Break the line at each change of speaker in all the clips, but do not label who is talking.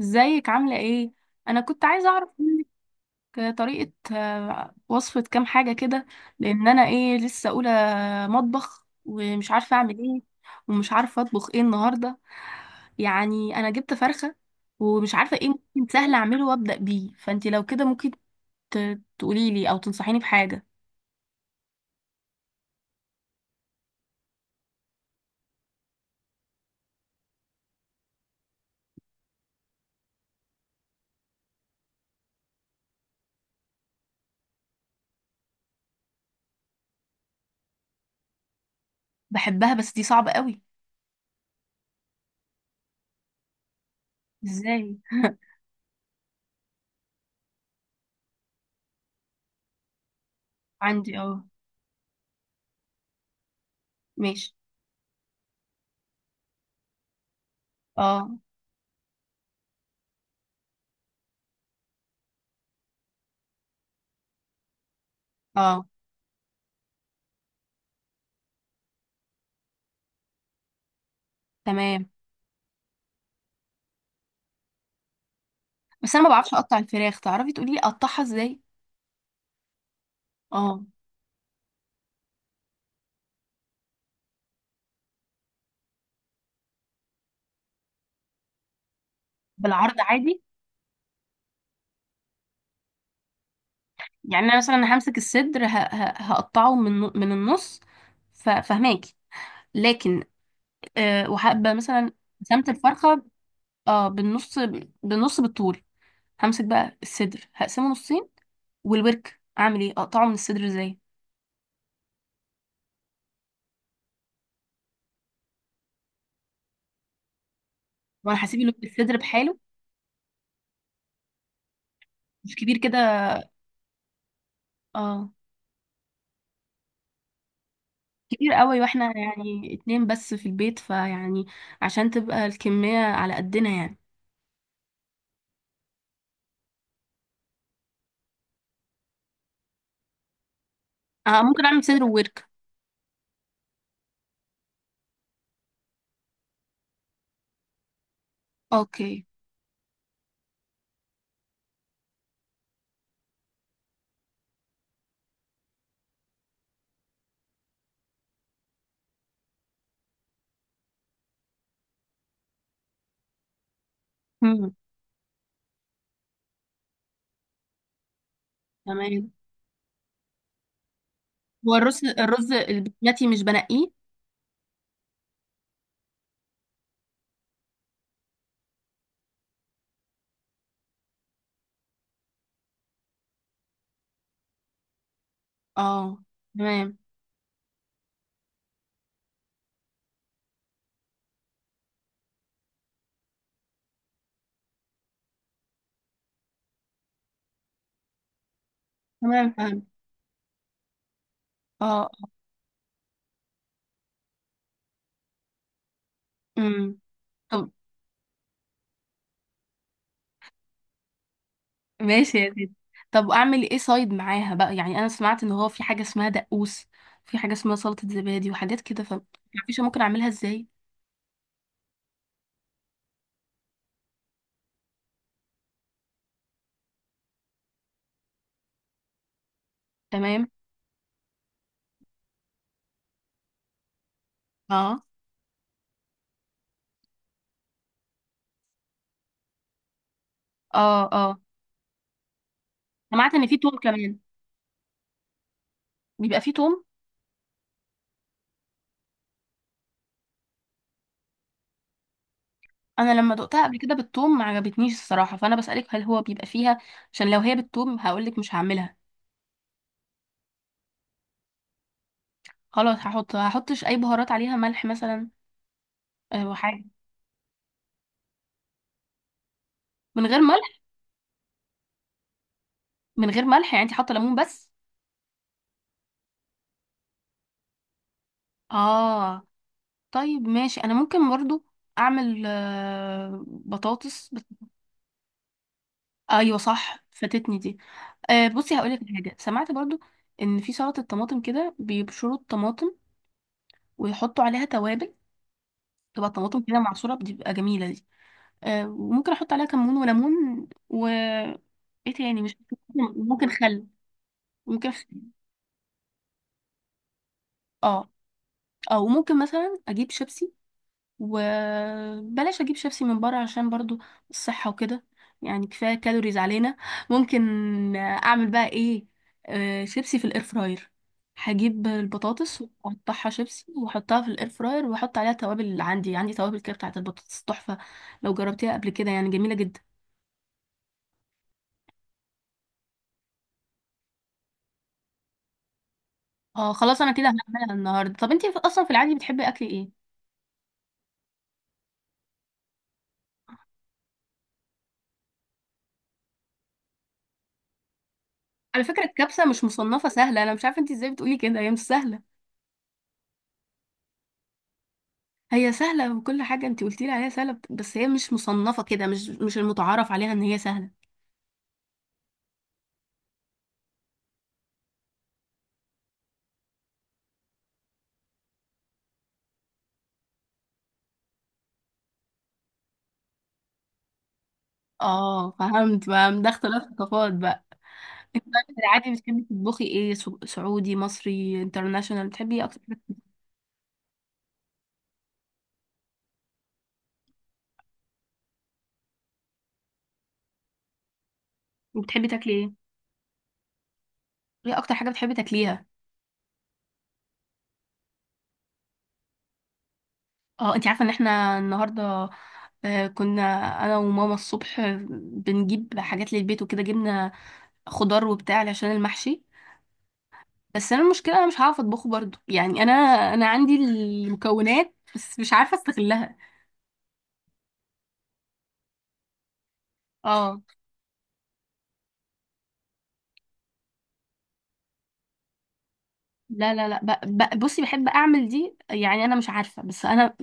ازيك عاملة ايه؟ انا كنت عايزة اعرف منك طريقة، وصفة كام حاجة كده. لان انا ايه لسه اولى مطبخ، ومش عارفة اعمل ايه، ومش عارفة اطبخ ايه النهاردة. يعني انا جبت فرخة، ومش عارفة ايه ممكن سهل اعمله وابدأ بيه. فانتي لو كده ممكن تقوليلي او تنصحيني بحاجة. بحبها، بس دي صعبة قوي. ازاي؟ عندي. اه. ماشي. اه. اه. تمام. بس انا ما بعرفش اقطع الفراخ. تعرفي تقوليلي اقطعها ازاي؟ اه، بالعرض عادي. يعني انا مثلا همسك الصدر، هقطعه من النص. فهماكي. لكن وهبقى مثلا قسمت الفرخه، اه، بالنص. بالنص بالطول. همسك بقى الصدر، هقسمه نصين. والورك اعمل ايه، اقطعه من الصدر ازاي؟ وانا هسيب الورك الصدر بحاله؟ مش كبير كده؟ اه. كبير قوي واحنا يعني اتنين بس في البيت، فيعني عشان تبقى الكميه على قدنا يعني. آه، ممكن اعمل صدر وورك. اوكي. مم. تمام. هو الرز البسمتي مش بنقيه؟ اه. تمام. تمام. فاهم. اه. امم طب، ماشي يا سيدي. طب اعمل ايه سايد معاها بقى؟ يعني انا سمعت ان هو في حاجه اسمها دقوس، في حاجه اسمها سلطه زبادي وحاجات كده، ف مفيش ممكن اعملها ازاي؟ تمام. اه. اه. اه. سمعت ان في توم كمان. بيبقى فيه توم؟ انا لما دقتها قبل كده بالتوم ما عجبتنيش الصراحه، فانا بسالك هل هو بيبقى فيها، عشان لو هي بالتوم هقولك مش هعملها. خلاص، هحطش اي بهارات عليها، ملح مثلا وحاجه. من غير ملح. من غير ملح يعني انت حاطه ليمون بس؟ اه. طيب، ماشي. انا ممكن برضو اعمل بطاطس. ايوه، صح، فاتتني دي. بصي هقولك على حاجه سمعت برضو، ان في سلطه الطماطم كده بيبشروا الطماطم ويحطوا عليها توابل، تبقى الطماطم كده معصوره، بتبقى جميله دي. وممكن احط عليها كمون وليمون و ايه تاني مش. ممكن خل. ممكن خل. اه. اه. وممكن مثلا اجيب شيبسي، وبلاش اجيب شيبسي من بره عشان برضو الصحة وكده، يعني كفاية كالوريز علينا. ممكن اعمل بقى ايه؟ شيبسي في الاير فراير. هجيب البطاطس واقطعها شيبسي واحطها في الاير فراير، واحط عليها توابل اللي عندي. عندي توابل كده بتاعت البطاطس تحفة. لو جربتيها قبل كده يعني جميلة جدا. اه. خلاص، انا كده هعملها النهارده. طب انتي اصلا في العادي بتحبي اكل ايه؟ على فكرة الكبسة مش مصنفة سهلة، انا مش عارفة انتي ازاي بتقولي كده، هي مش سهلة. هي سهلة، وكل حاجة انت قلتي لي عليها سهلة، بس هي مش مصنفة كده. مش المتعارف عليها ان هي سهلة. اه، فهمت بقى، ده اختلاف ثقافات بقى. انت بقى في العادي بتحبي تطبخي ايه؟ سعودي، مصري، انترناشونال؟ بتحبي ايه اكتر حاجة- وبتحبي تاكلي ايه؟ ايه اكتر حاجة بتحبي تاكليها؟ اه. انت عارفة ان احنا النهاردة كنا انا وماما الصبح بنجيب حاجات للبيت وكده، جبنا خضار وبتاع عشان المحشي. بس انا المشكله انا مش هعرف اطبخه برضو، يعني انا عندي المكونات بس مش عارفه استغلها. اه. لا، لا، لا، بصي بحب اعمل دي يعني، انا مش عارفه. بس انا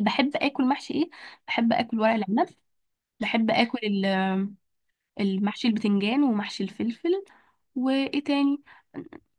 بحب اكل محشي ايه؟ بحب اكل ورق العنب. بحب اكل المحشي البتنجان ومحشي الفلفل. وايه تاني؟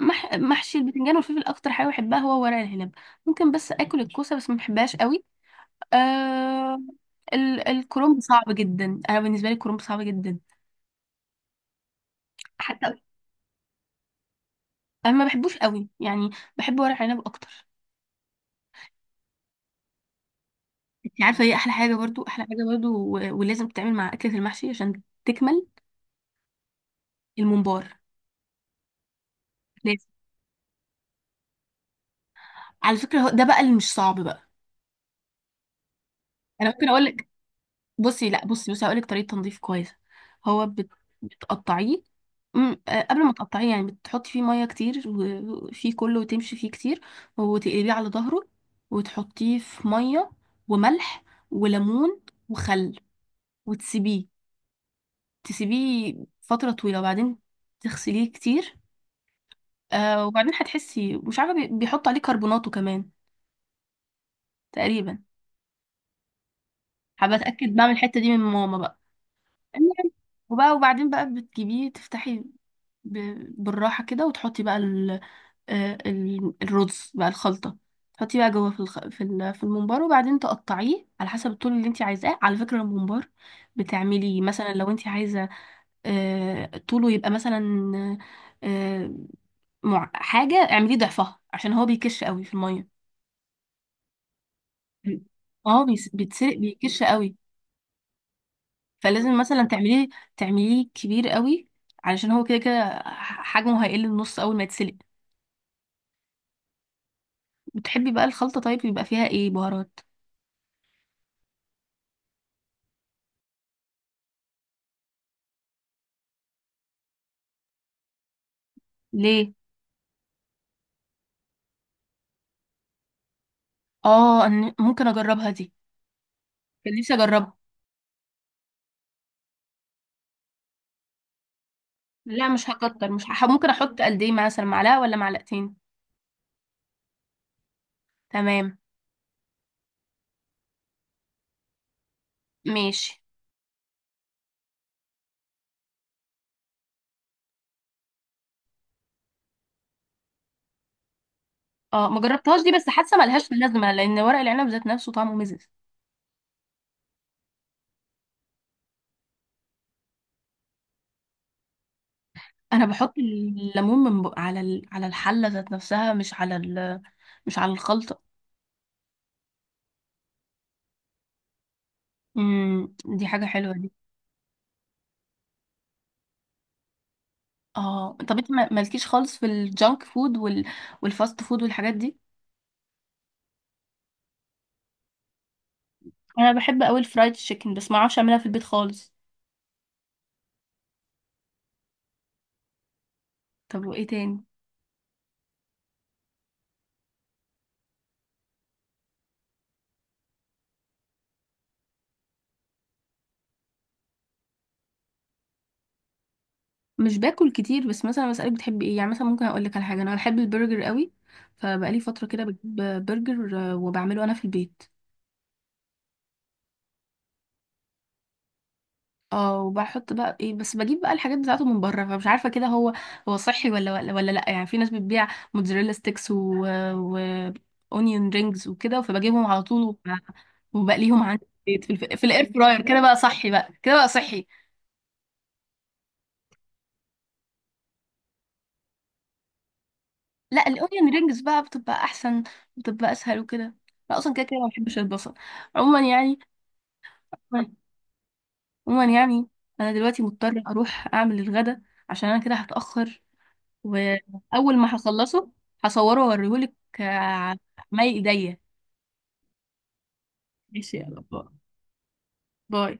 محشي البتنجان والفلفل. اكتر حاجه بحبها هو ورق العنب. ممكن بس اكل الكوسه، بس ما بحبهاش قوي. آه... الكرنب صعب جدا، انا بالنسبه لي الكرنب صعب جدا. حتى انا ما بحبوش قوي يعني، بحب ورق عنب اكتر. انت عارفه ايه احلى حاجه برضو؟ احلى حاجه برضو ولازم تتعمل مع اكله المحشي عشان تكمل: الممبار. لازم. على فكره هو ده بقى اللي مش صعب بقى. انا ممكن اقول لك. بصي، لا، بصي بصي، هقول لك طريقه تنظيف كويسه. هو بتقطعيه. أم، آه، قبل ما تقطعيه يعني بتحطي فيه ميه كتير وفيه كله وتمشي فيه كتير. وتقلبيه على ظهره، وتحطيه في ميه وملح وليمون وخل، وتسيبيه. تسيبيه فترة طويلة، وبعدين تغسليه كتير. وبعدين هتحسي، مش عارفة، بيحط عليه كربوناته كمان تقريبا. هبقى اتأكد، بعمل الحتة دي من ماما بقى. المهم، وبقى وبعدين بقى بتجيبيه، تفتحي بالراحة كده، وتحطي بقى الرز بقى الخلطة. تحطيه بقى جوه في الخ... في ال... في الممبار، وبعدين تقطعيه على حسب الطول اللي انت عايزاه. على فكرة الممبار، بتعملي مثلا لو انت عايزة طوله يبقى مثلا آه، حاجة، اعمليه ضعفها عشان هو بيكش قوي في المية. اه، بيتسرق، بيكش قوي. فلازم مثلا تعمليه كبير قوي، علشان هو كده كده حجمه هيقل النص اول ما يتسلق. بتحبي بقى الخلطة طيب يبقى فيها ايه بهارات؟ ليه؟ اه، أنا ممكن اجربها دي، كان نفسي اجربها. لا، مش هكتر، مش هح... ممكن احط قد ايه، مثلا معلقة ولا معلقتين؟ تمام. ماشي. اه، ما جربتهاش دي، بس حاسه ملهاش لازمه لان ورق العنب ذات نفسه طعمه مزز. انا بحط الليمون من بق... على ال... على الحله ذات نفسها، مش على مش على الخلطه. امم، دي حاجه حلوه دي. اه. طب انت مالكيش خالص في الجانك فود والفاست فود والحاجات دي؟ انا بحب قوي الفرايد تشيكن، بس ما اعرفش اعملها في البيت خالص. طب وايه تاني؟ مش باكل كتير، بس مثلا بسالك بتحبي ايه، يعني مثلا ممكن اقول لك على حاجه، انا بحب البرجر قوي. فبقالي فتره كده بجيب برجر، وبعمله انا في البيت. اه، وبحط بقى ايه؟ بس بجيب بقى الحاجات بتاعته من بره، فمش عارفه كده هو صحي ولا لا. يعني في ناس بتبيع موتزاريلا ستيكس و اونيون رينجز وكده، فبجيبهم على طول وبقليهم عندي في البيت، في الاير فراير. كده بقى صحي. بقى كده بقى صحي. لا، الاونيون رينجز بقى بتبقى احسن، بتبقى اسهل وكده. لا اصلا كده كده ما بحبش البصل عموما يعني. عموما يعني، انا دلوقتي مضطره اروح اعمل الغدا عشان انا كده هتاخر، واول ما هخلصه هصوره واوريهولك على مي ايديا. ماشي، يلا، باي. باي.